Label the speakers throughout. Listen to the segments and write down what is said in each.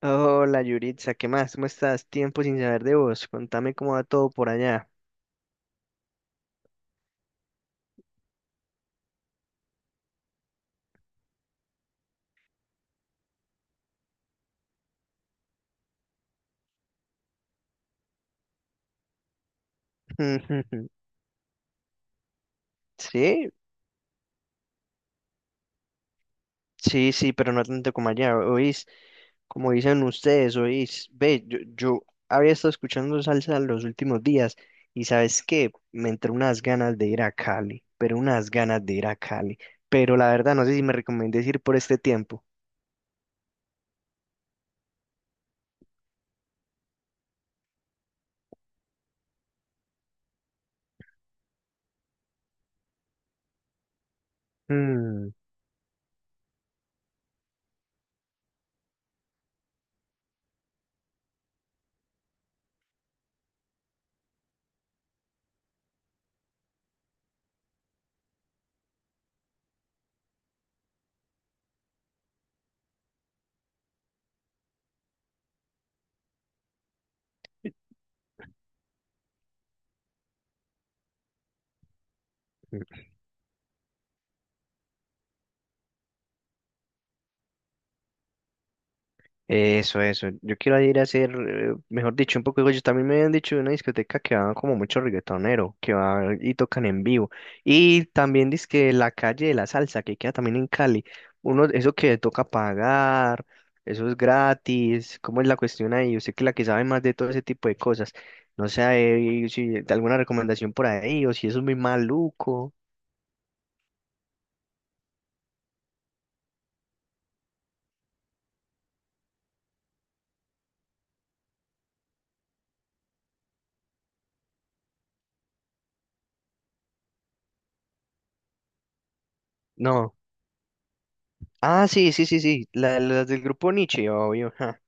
Speaker 1: Hola Yuritza, ¿qué más? ¿Cómo estás? Tiempo sin saber de vos. Contame cómo va todo por allá. Sí, sí, sí, pero no tanto como allá. Oís, como dicen ustedes, oís. Ve, yo había estado escuchando salsa los últimos días y ¿sabes qué? Me entró unas ganas de ir a Cali, pero unas ganas de ir a Cali. Pero la verdad, no sé si me recomendé ir por este tiempo. Eso, eso. Yo quiero ir a hacer, mejor dicho, un poco de yo. También me habían dicho de una discoteca que va como mucho reggaetonero, que va y tocan en vivo. Y también dice que la calle de la salsa, que queda también en Cali. Uno, eso que toca pagar, eso es gratis. ¿Cómo es la cuestión ahí? Usted que es la que sabe más de todo ese tipo de cosas. No sé ahí si alguna recomendación por ahí o si eso es muy maluco. No. Ah, sí, sí, sí, sí. La- las del grupo Nietzsche, obvio, ja.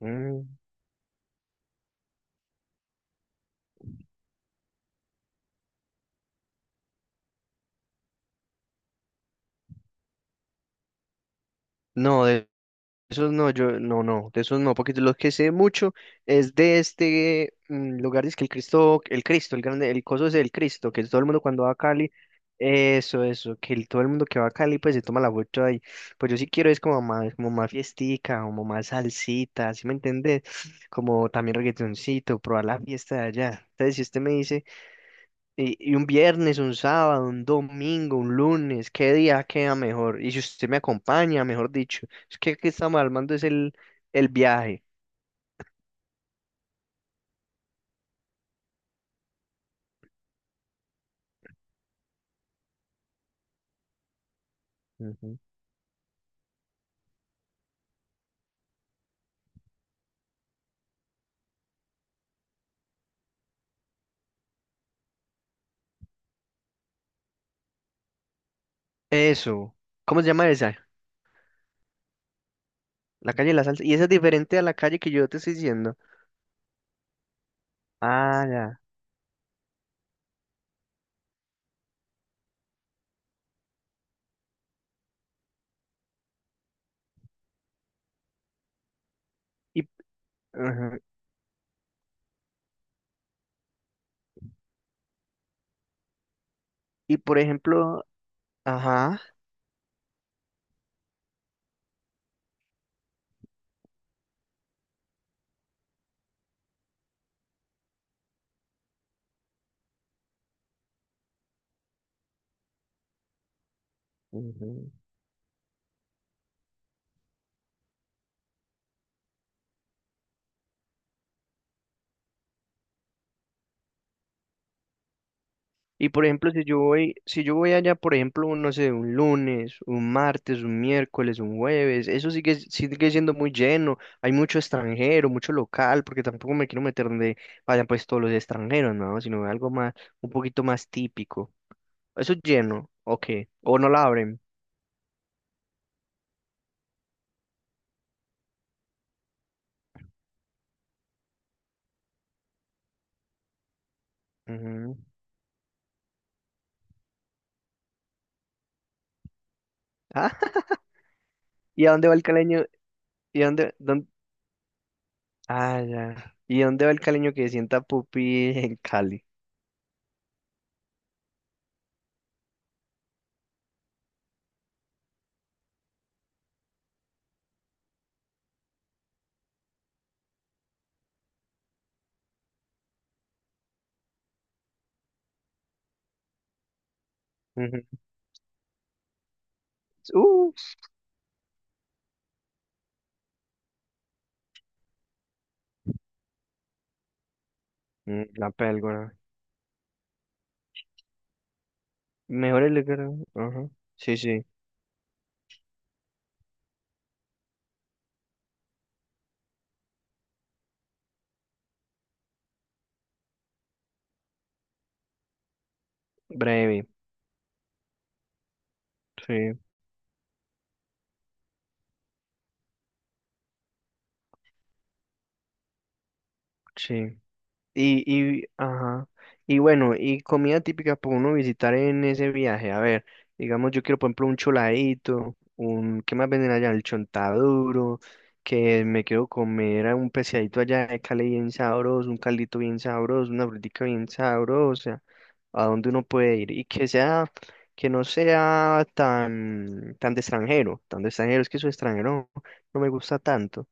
Speaker 1: Mm. No, de esos no, yo no, no, de esos no, porque de los que sé mucho es de este lugar, es que el Cristo, el Cristo, el grande, el coso es el Cristo, que todo el mundo cuando va a Cali, eso, que el- todo el mundo que va a Cali pues se toma la foto ahí, pues yo sí quiero es como más fiestica, como más salsita, ¿sí me entendés? Como también reggaetoncito, probar la fiesta de allá, entonces si usted me dice y un viernes, un sábado, un domingo, un lunes, ¿qué día queda mejor? Y si usted me acompaña, mejor dicho, es que aquí estamos armando es el viaje. Ujú. Eso. ¿Cómo se llama esa? La calle de la salsa. Y esa es diferente a la calle que yo te estoy diciendo. Ah, ya. Y, ajá, y por ejemplo, ajá. Y por ejemplo, si yo voy, si yo voy allá, por ejemplo, un, no sé, un lunes, un martes, un miércoles, un jueves, eso sigue, sigue siendo muy lleno. Hay mucho extranjero, mucho local, porque tampoco me quiero meter donde vayan pues todos los extranjeros, ¿no? Sino algo más, un poquito más típico. Eso es lleno, ok. O no la abren. Ujú. Ah, ¿y a dónde va el caleño? ¿Y a dónde, dónde- ah, ya. ¿Y a dónde va el caleño que sienta pupi en Cali? Ujú. Uh, la pélgora. Mejor el de cara. Ajá. Sí, sí. Breve. Sí, sí. Y, ajá. Y bueno, y comida típica para uno visitar en ese viaje. A ver, digamos, yo quiero, por ejemplo, un choladito, un, ¿qué más venden allá? El chontaduro, que me quiero comer a un pescadito allá de Cali bien sabroso, un caldito bien sabroso, una frutica bien sabrosa, a dónde uno puede ir y que sea, que no sea tan, tan de extranjero, es que su extranjero no me gusta tanto.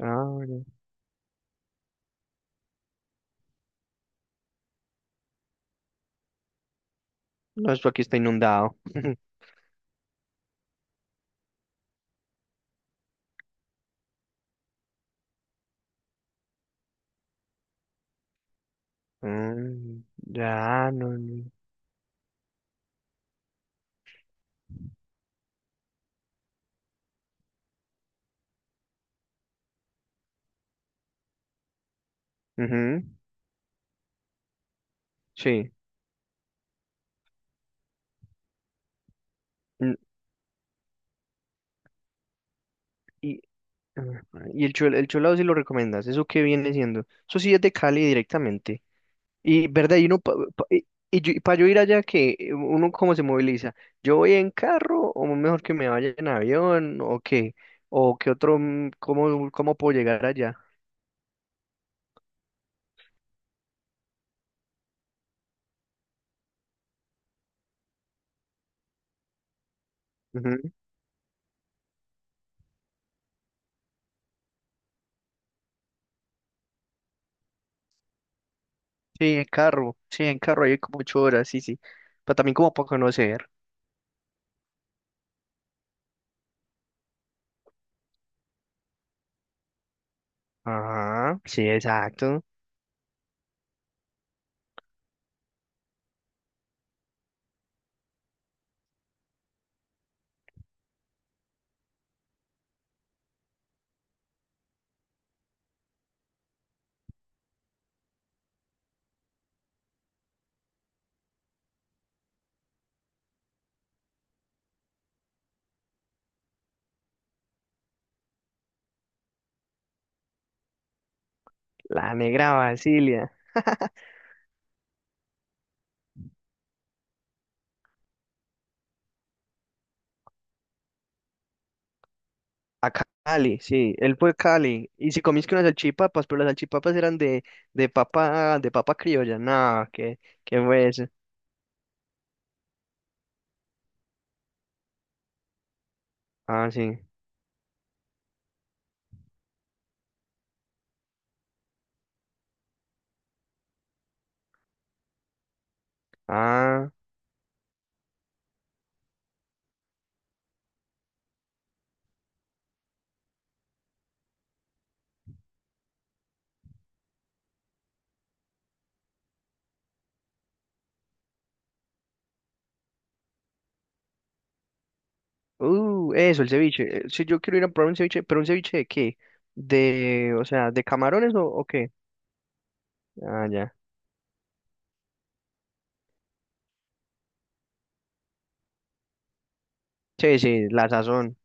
Speaker 1: Ah, ya. No, esto aquí está inundado. Mm, ya, no, no. Ujú, sí. Mm. Y, ah, y el, chul- el chulado sí lo recomiendas, ¿eso qué viene siendo? Eso sí es de Cali directamente. Y, ¿verdad? Y uno, pa- pa- y para yo ir allá, que uno cómo se moviliza. ¿Yo voy en carro o mejor que me vaya en avión o qué? ¿O qué otro, cómo, cómo puedo llegar allá? Ujú. Sí, en carro hay como 8 horas, sí, sí. Pero también como para conocer. Ajá, sí, exacto. La negra Basilia. A Cali, sí, él fue a Cali. Y si comiste unas salchipapas, pero las salchipapas eran de papa criolla. No, ¿qué, qué fue eso? Ah, sí. Ah, eso, el ceviche. Si yo quiero ir a probar un ceviche, pero ¿un ceviche de qué? De, o sea, ¿de camarones o qué? Ah, ya. Sí, sí, la sazón.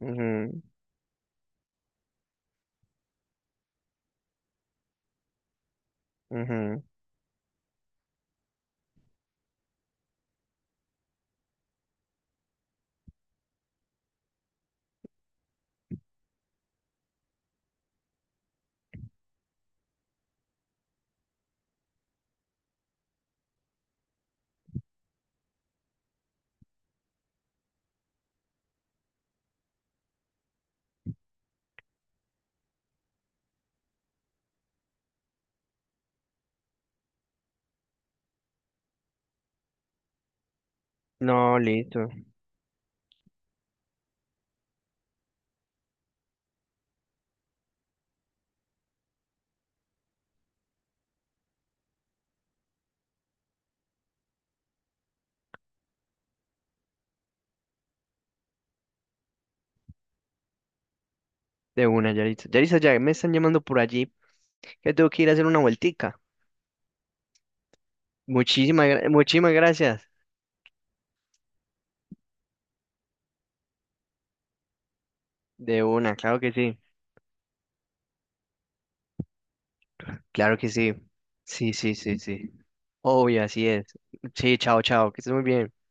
Speaker 1: Ujú, ujú. No, listo. De una, Yaritza. Yaritza, ya me están llamando por allí, que tengo que ir a hacer una vueltica. Muchísimas, gra- muchísimas gracias. De una, claro que sí. Claro que sí. Sí, sí, sí, sí. Obvio, así es. Sí, chao, chao, que estés muy bien.